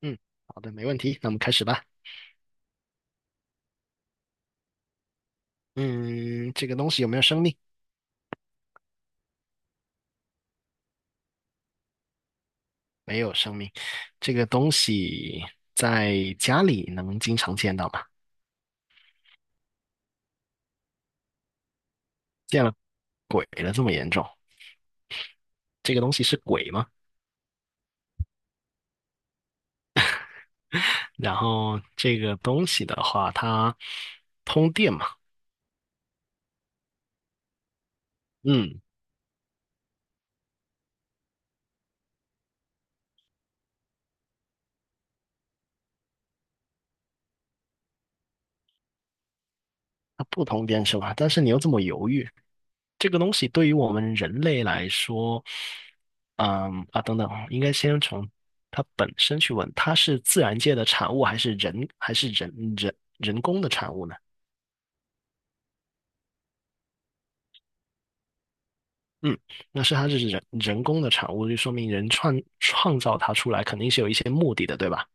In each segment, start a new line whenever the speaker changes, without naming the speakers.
嗯，好的，没问题。那我们开始吧。嗯，这个东西有没有生命？没有生命。这个东西在家里能经常见到吗？见了鬼了，这么严重？这个东西是鬼吗？然后这个东西的话，它通电嘛？嗯，它不通电是吧？但是你又这么犹豫，这个东西对于我们人类来说，等等啊，应该先从它本身去问，它是自然界的产物还是人工的产物呢？嗯，那是它是人工的产物，就说明人创造它出来肯定是有一些目的的，对吧？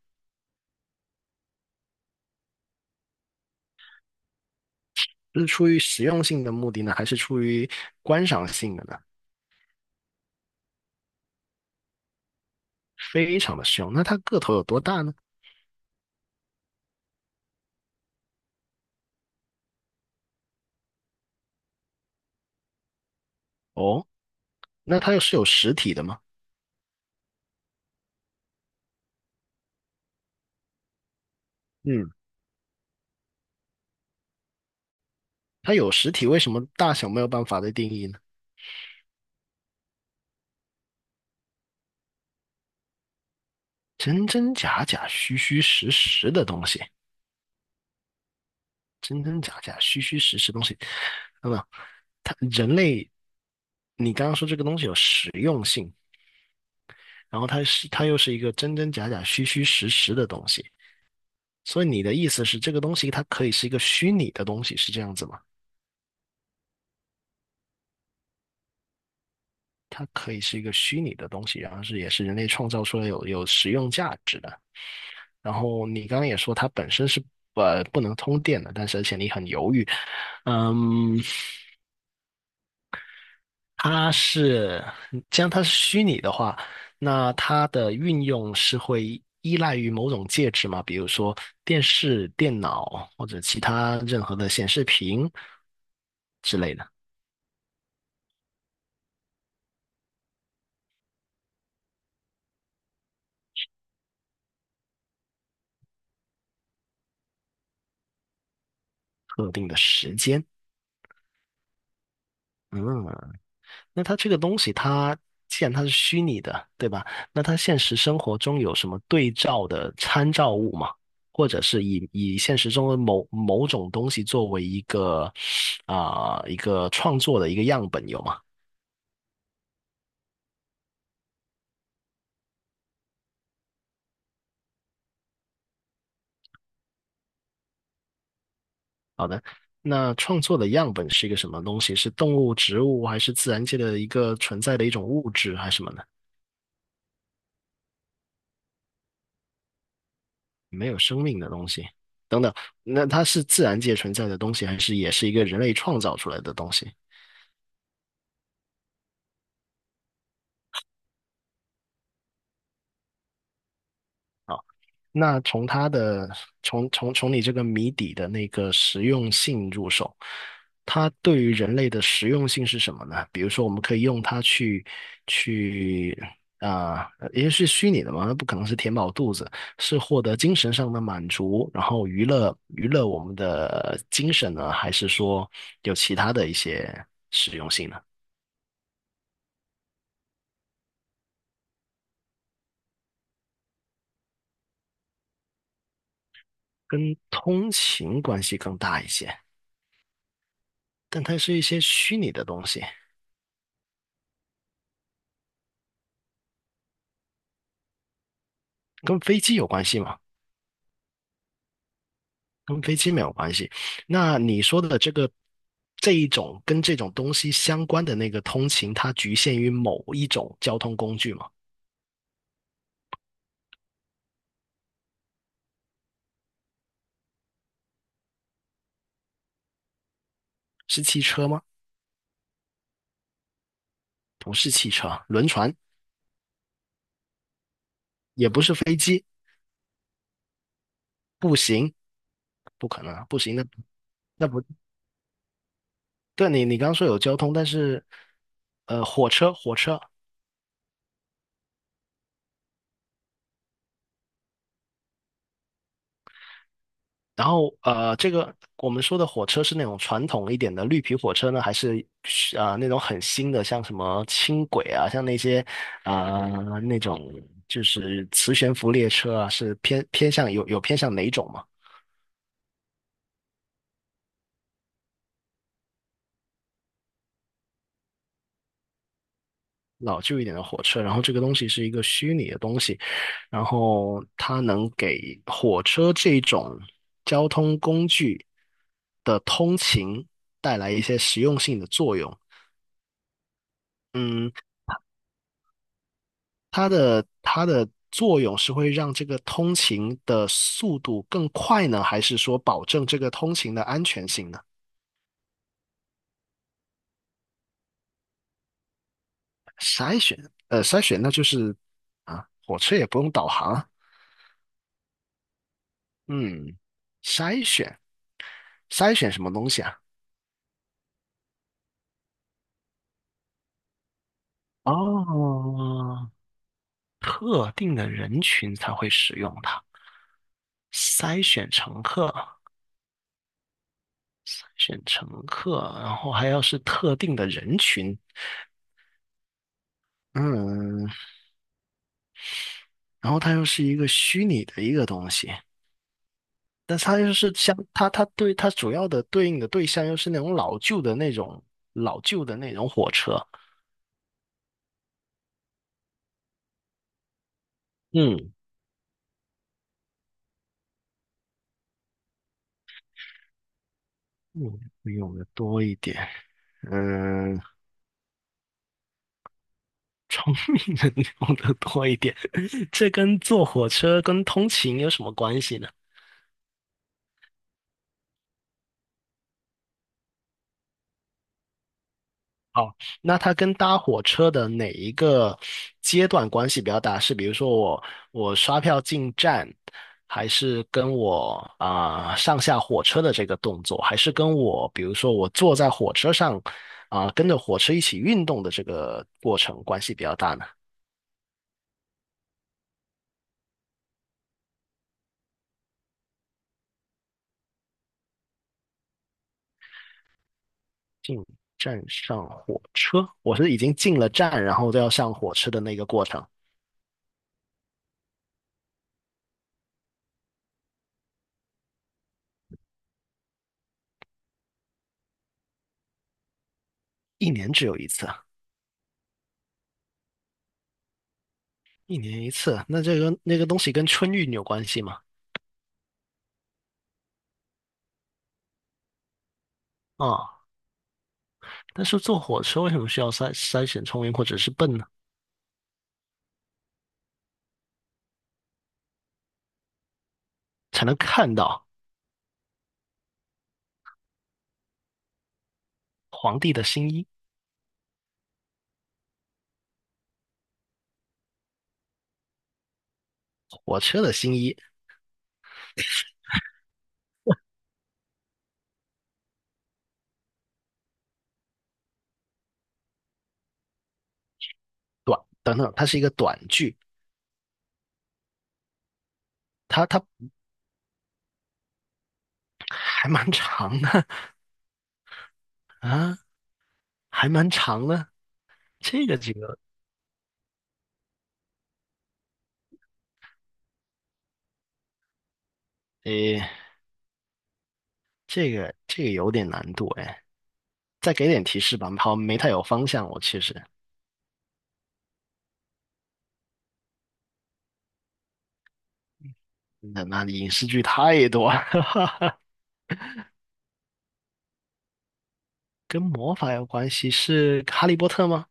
是出于实用性的目的呢，还是出于观赏性的呢？非常的实用。那它个头有多大呢？哦，那它又是有实体的吗？嗯，它有实体，为什么大小没有办法的定义呢？真真假假、虚虚实实的东西，真真假假、虚虚实实的东西，那么人类，你刚刚说这个东西有实用性，然后它又是一个真真假假、虚虚实实的东西，所以你的意思是这个东西它可以是一个虚拟的东西，是这样子吗？它可以是一个虚拟的东西，然后是也是人类创造出来有实用价值的。然后你刚刚也说它本身是不能通电的，但是而且你很犹豫，嗯。它是，既然它是虚拟的话，那它的运用是会依赖于某种介质嘛？比如说电视、电脑或者其他任何的显示屏之类的。特定的时间。嗯，那它这个东西它，既然它是虚拟的，对吧？那它现实生活中有什么对照的参照物吗？或者是以现实中的某种东西作为一个一个创作的一个样本有吗？好的，那创作的样本是一个什么东西？是动物、植物，还是自然界的一个存在的一种物质，还是什么呢？没有生命的东西，等等。那它是自然界存在的东西，还是也是一个人类创造出来的东西？那从它的从你这个谜底的那个实用性入手，它对于人类的实用性是什么呢？比如说，我们可以用它去，因为是虚拟的嘛，那不可能是填饱肚子，是获得精神上的满足，然后娱乐娱乐我们的精神呢，还是说有其他的一些实用性呢？跟通勤关系更大一些，但它是一些虚拟的东西，跟飞机有关系吗？跟飞机没有关系。那你说的这一种跟这种东西相关的那个通勤，它局限于某一种交通工具吗？是汽车吗？不是汽车，轮船也不是飞机，步行不可能啊，步行那不对。你刚刚说有交通，但是火车然后这个我们说的火车是那种传统一点的绿皮火车呢，还是那种很新的，像什么轻轨啊，像那些那种就是磁悬浮列车啊，是偏向有偏向哪种嘛？老旧一点的火车，然后这个东西是一个虚拟的东西，然后它能给火车这种交通工具的通勤带来一些实用性的作用。嗯，它的作用是会让这个通勤的速度更快呢，还是说保证这个通勤的安全性呢？筛选，筛选那就是啊，火车也不用导航啊，嗯，筛选筛选什么东西啊？哦，特定的人群才会使用它，筛选乘客，选乘客，然后还要是特定的人群，嗯，然后它又是一个虚拟的一个东西。但是它又是相，它对它主要的对应的对象又是那种老旧的那种火车，嗯嗯，会用的多一点，嗯，能用的多一点，这跟坐火车跟通勤有什么关系呢？哦，那它跟搭火车的哪一个阶段关系比较大？是比如说我刷票进站，还是跟我上下火车的这个动作，还是跟我比如说我坐在火车上跟着火车一起运动的这个过程关系比较大呢？进站上火车，我是已经进了站，然后都要上火车的那个过程，一年只有一次啊，一年一次，那这个那个东西跟春运有关系吗？啊、但是坐火车为什么需要筛选聪明或者是笨呢？才能看到皇帝的新衣、火车的新衣、等等，它是一个短句，它还蛮长的啊，还蛮长的。这个这个，诶，这个有点难度哎，再给点提示吧，好，没太有方向，我其实。那影视剧太多了，跟魔法有关系，是哈利波特吗？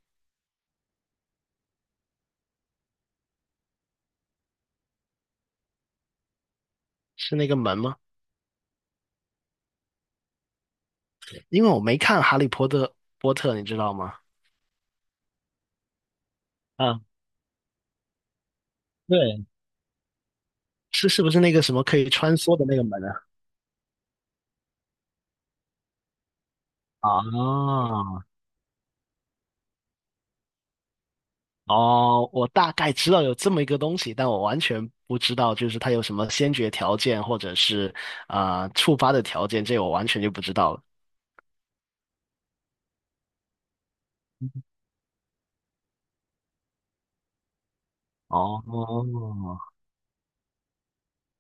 是那个门吗？因为我没看哈利波特，你知道吗？啊，对，是不是那个什么可以穿梭的那个门啊？啊，哦，我大概知道有这么一个东西，但我完全不知道就是它有什么先决条件或者是触发的条件，这我完全就不知道了。哦，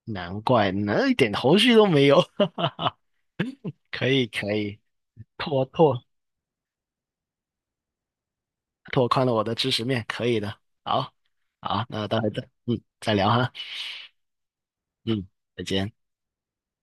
难怪，那一点头绪都没有。可以可以，拓拓拓宽了我的知识面，可以的。好，好，那待会再再聊哈，嗯，再见。